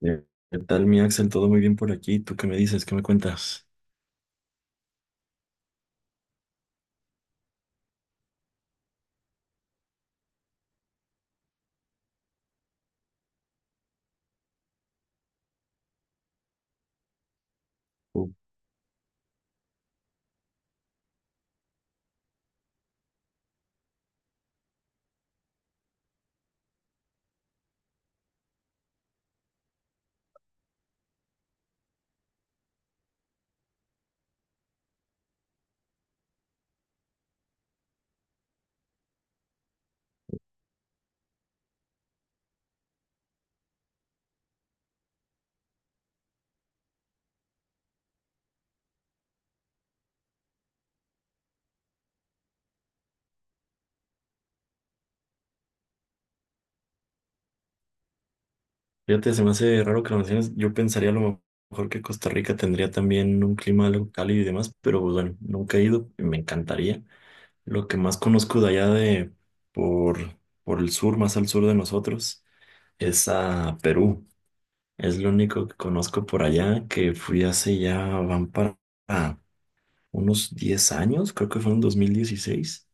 Eh, ¿Qué tal, mi Axel? ¿Todo muy bien por aquí? ¿Tú qué me dices? ¿Qué me cuentas? Uh, Fíjate, se me hace raro que lo menciones. Yo pensaría a lo mejor que Costa Rica tendría también un clima algo cálido y demás, pero pues, bueno, nunca he ido y me encantaría. Lo que más conozco de allá de por, por el sur, más al sur de nosotros, es a Perú. Es lo único que conozco por allá, que fui hace ya, van para unos 10 años, creo que fue en 2016.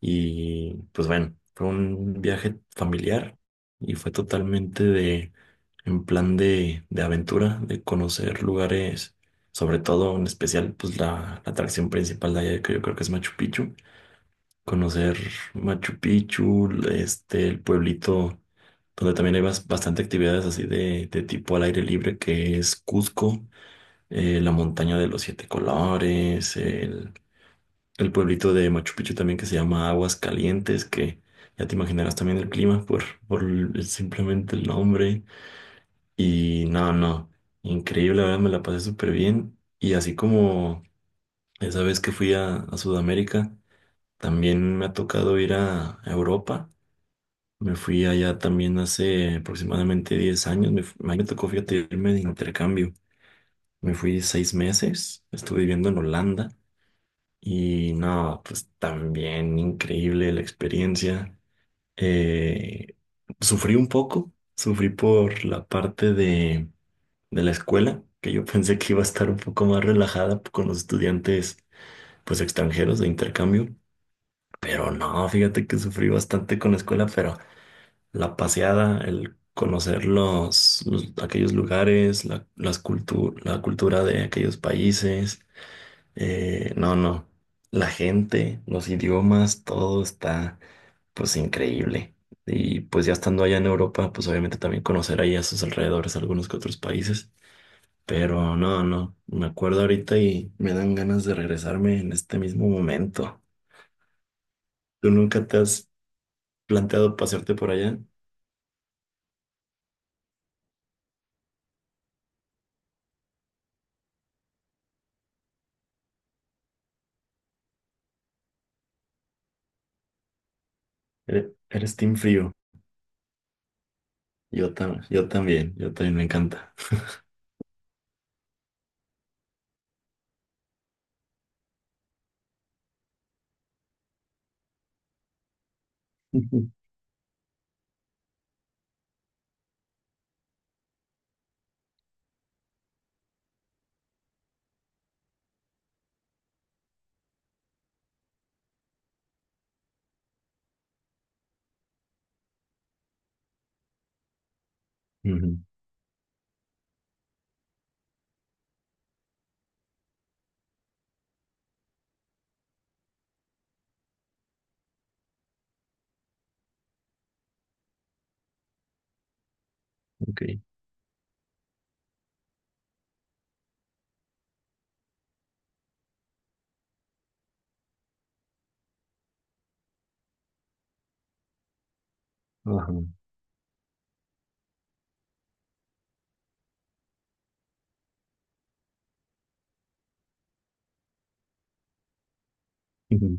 Y pues bueno, fue un viaje familiar y fue totalmente en plan de aventura, de conocer lugares, sobre todo en especial, pues la atracción principal de allá, que yo creo que es Machu Picchu. Conocer Machu Picchu, este, el pueblito donde también hay bastante actividades así de tipo al aire libre, que es Cusco, la montaña de los siete colores, el pueblito de Machu Picchu también que se llama Aguas Calientes, que ya te imaginarás también el clima simplemente el nombre. Y no, no, increíble, la verdad me la pasé súper bien. Y así como esa vez que fui a Sudamérica, también me ha tocado ir a Europa. Me fui allá también hace aproximadamente 10 años. Me tocó, fíjate, irme de intercambio. Me fui 6 meses, estuve viviendo en Holanda. Y no, pues también increíble la experiencia. Eh, sufrí un poco, sufrí por la parte de la escuela, que yo pensé que iba a estar un poco más relajada con los estudiantes pues extranjeros de intercambio, pero no, fíjate que sufrí bastante con la escuela, pero la paseada, el conocer aquellos lugares, la cultura de aquellos países, no, no. La gente, los idiomas, todo está pues increíble. Y pues ya estando allá en Europa, pues obviamente también conocer ahí a sus alrededores algunos que otros países. Pero no, no. Me acuerdo ahorita y me dan ganas de regresarme en este mismo momento. ¿Tú nunca te has planteado pasearte por allá? Eres team frío. Yo también me encanta. Ujú. Ujú, ok. Ajá. Ujú.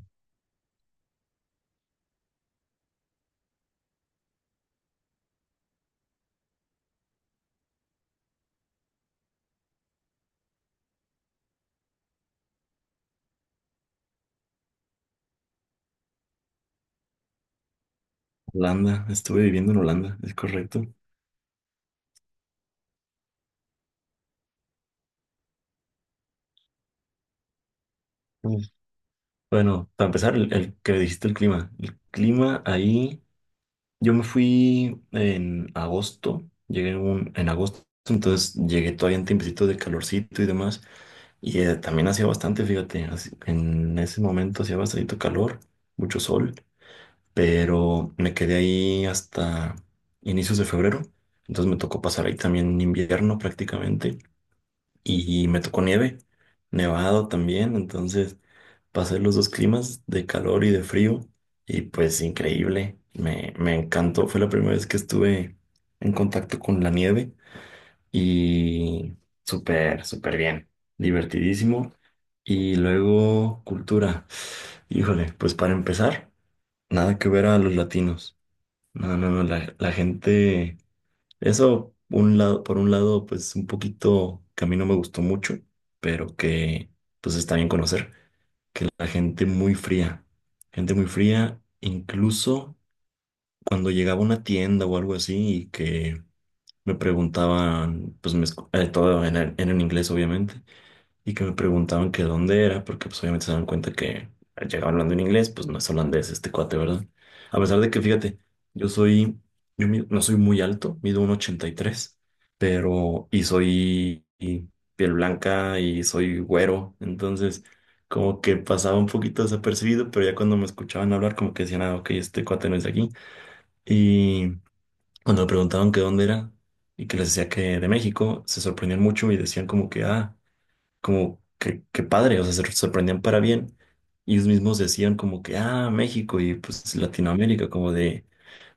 Holanda, estuve viviendo en Holanda, ¿es correcto? Bueno, para empezar, el que me dijiste el clima. El clima ahí, yo me fui en agosto, en agosto, entonces llegué todavía en tiempecito de calorcito y demás, y también hacía bastante, fíjate, en ese momento hacía bastante calor, mucho sol, pero me quedé ahí hasta inicios de febrero, entonces me tocó pasar ahí también invierno prácticamente y me tocó nieve, nevado también, entonces pasé los dos climas de calor y de frío y pues increíble, me encantó, fue la primera vez que estuve en contacto con la nieve y súper, súper bien, divertidísimo y luego cultura, híjole, pues para empezar, nada que ver a los latinos, no, no, no, la gente... Por un lado, pues un poquito que a mí no me gustó mucho, pero que pues está bien conocer, que la gente muy fría, incluso cuando llegaba a una tienda o algo así y que me preguntaban, pues todo en inglés obviamente, y que me preguntaban que dónde era, porque pues obviamente se dan cuenta que llegaba hablando en inglés, pues no es holandés este cuate, ¿verdad? A pesar de que, fíjate, yo soy, yo mi- no soy muy alto, mido un 83, pero, y soy y piel blanca y soy güero, entonces como que pasaba un poquito desapercibido, pero ya cuando me escuchaban hablar como que decían, ah, ok, este cuate no es de aquí. Y cuando me preguntaban que dónde era y que les decía que de México, se sorprendían mucho y decían como que, ah, como que, qué padre, o sea, se sorprendían para bien. Y ellos mismos decían como que, ah, México y pues Latinoamérica, como de,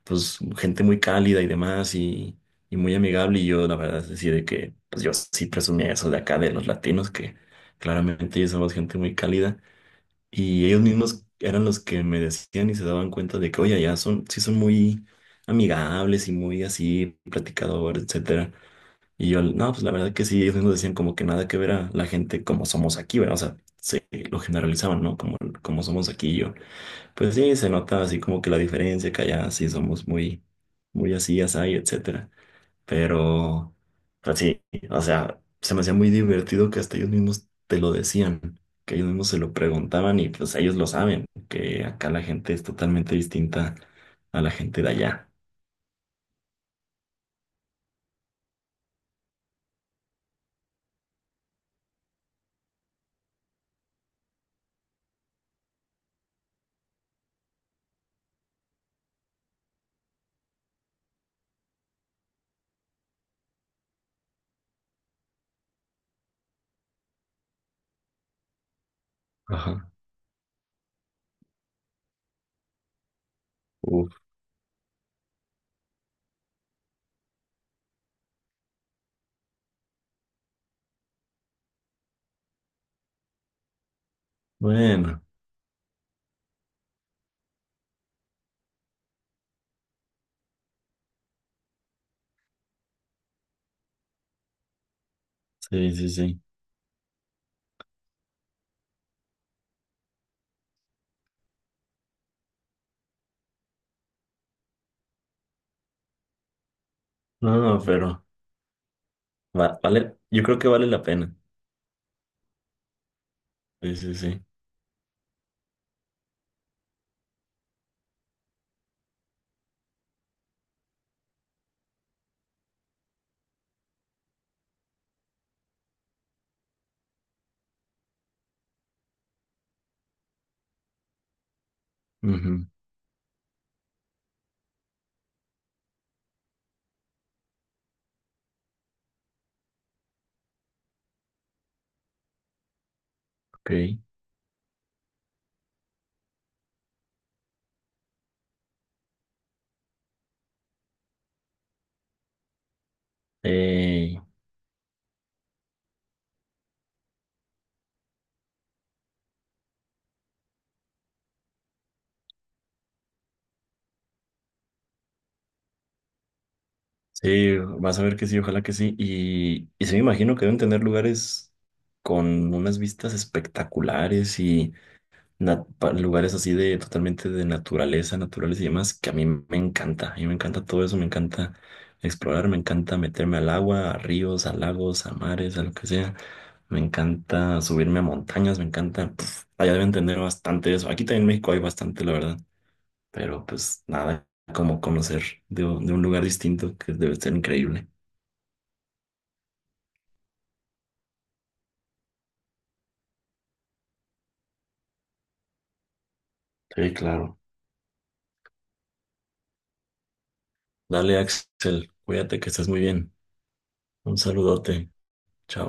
pues gente muy cálida y demás y muy amigable. Y yo, la verdad, es decir, de que, pues yo sí presumía eso de acá, de los latinos, que claramente ellos somos gente muy cálida. Y ellos mismos eran los que me decían y se daban cuenta de que, oye, ya son, sí son muy amigables y muy así, platicadores, etcétera. Y yo, no, pues la verdad que sí, ellos mismos decían como que nada que ver a la gente como somos aquí, ¿verdad? O sea, se lo generalizaban, ¿no? Como, como somos aquí y yo. Pues sí, se nota así como que la diferencia, que allá sí somos muy, muy así, así, etcétera. Pero, pues sí, o sea, se me hacía muy divertido que hasta ellos mismos te lo decían, que ellos mismos se lo preguntaban y pues ellos lo saben, que acá la gente es totalmente distinta a la gente de allá. Ajá. Uf. Bueno, sí, sí, sí. No, no, pero... vale, yo creo que vale la pena. Sí, sí, sí. Ujú, ok. Eh, sí, vas a ver que sí, ojalá que sí. Y sí, me imagino que deben tener lugares con unas vistas espectaculares y lugares así de totalmente de naturaleza, naturales y demás, que a mí me encanta. A mí me encanta todo eso, me encanta explorar, me encanta meterme al agua, a ríos, a lagos, a mares, a lo que sea. Me encanta subirme a montañas, me encanta. Pf, allá deben tener bastante eso. Aquí también en México hay bastante, la verdad. Pero pues nada, como conocer de un lugar distinto que debe ser increíble. Sí, claro. Dale, Axel, cuídate que estás muy bien. Un saludote. Chao.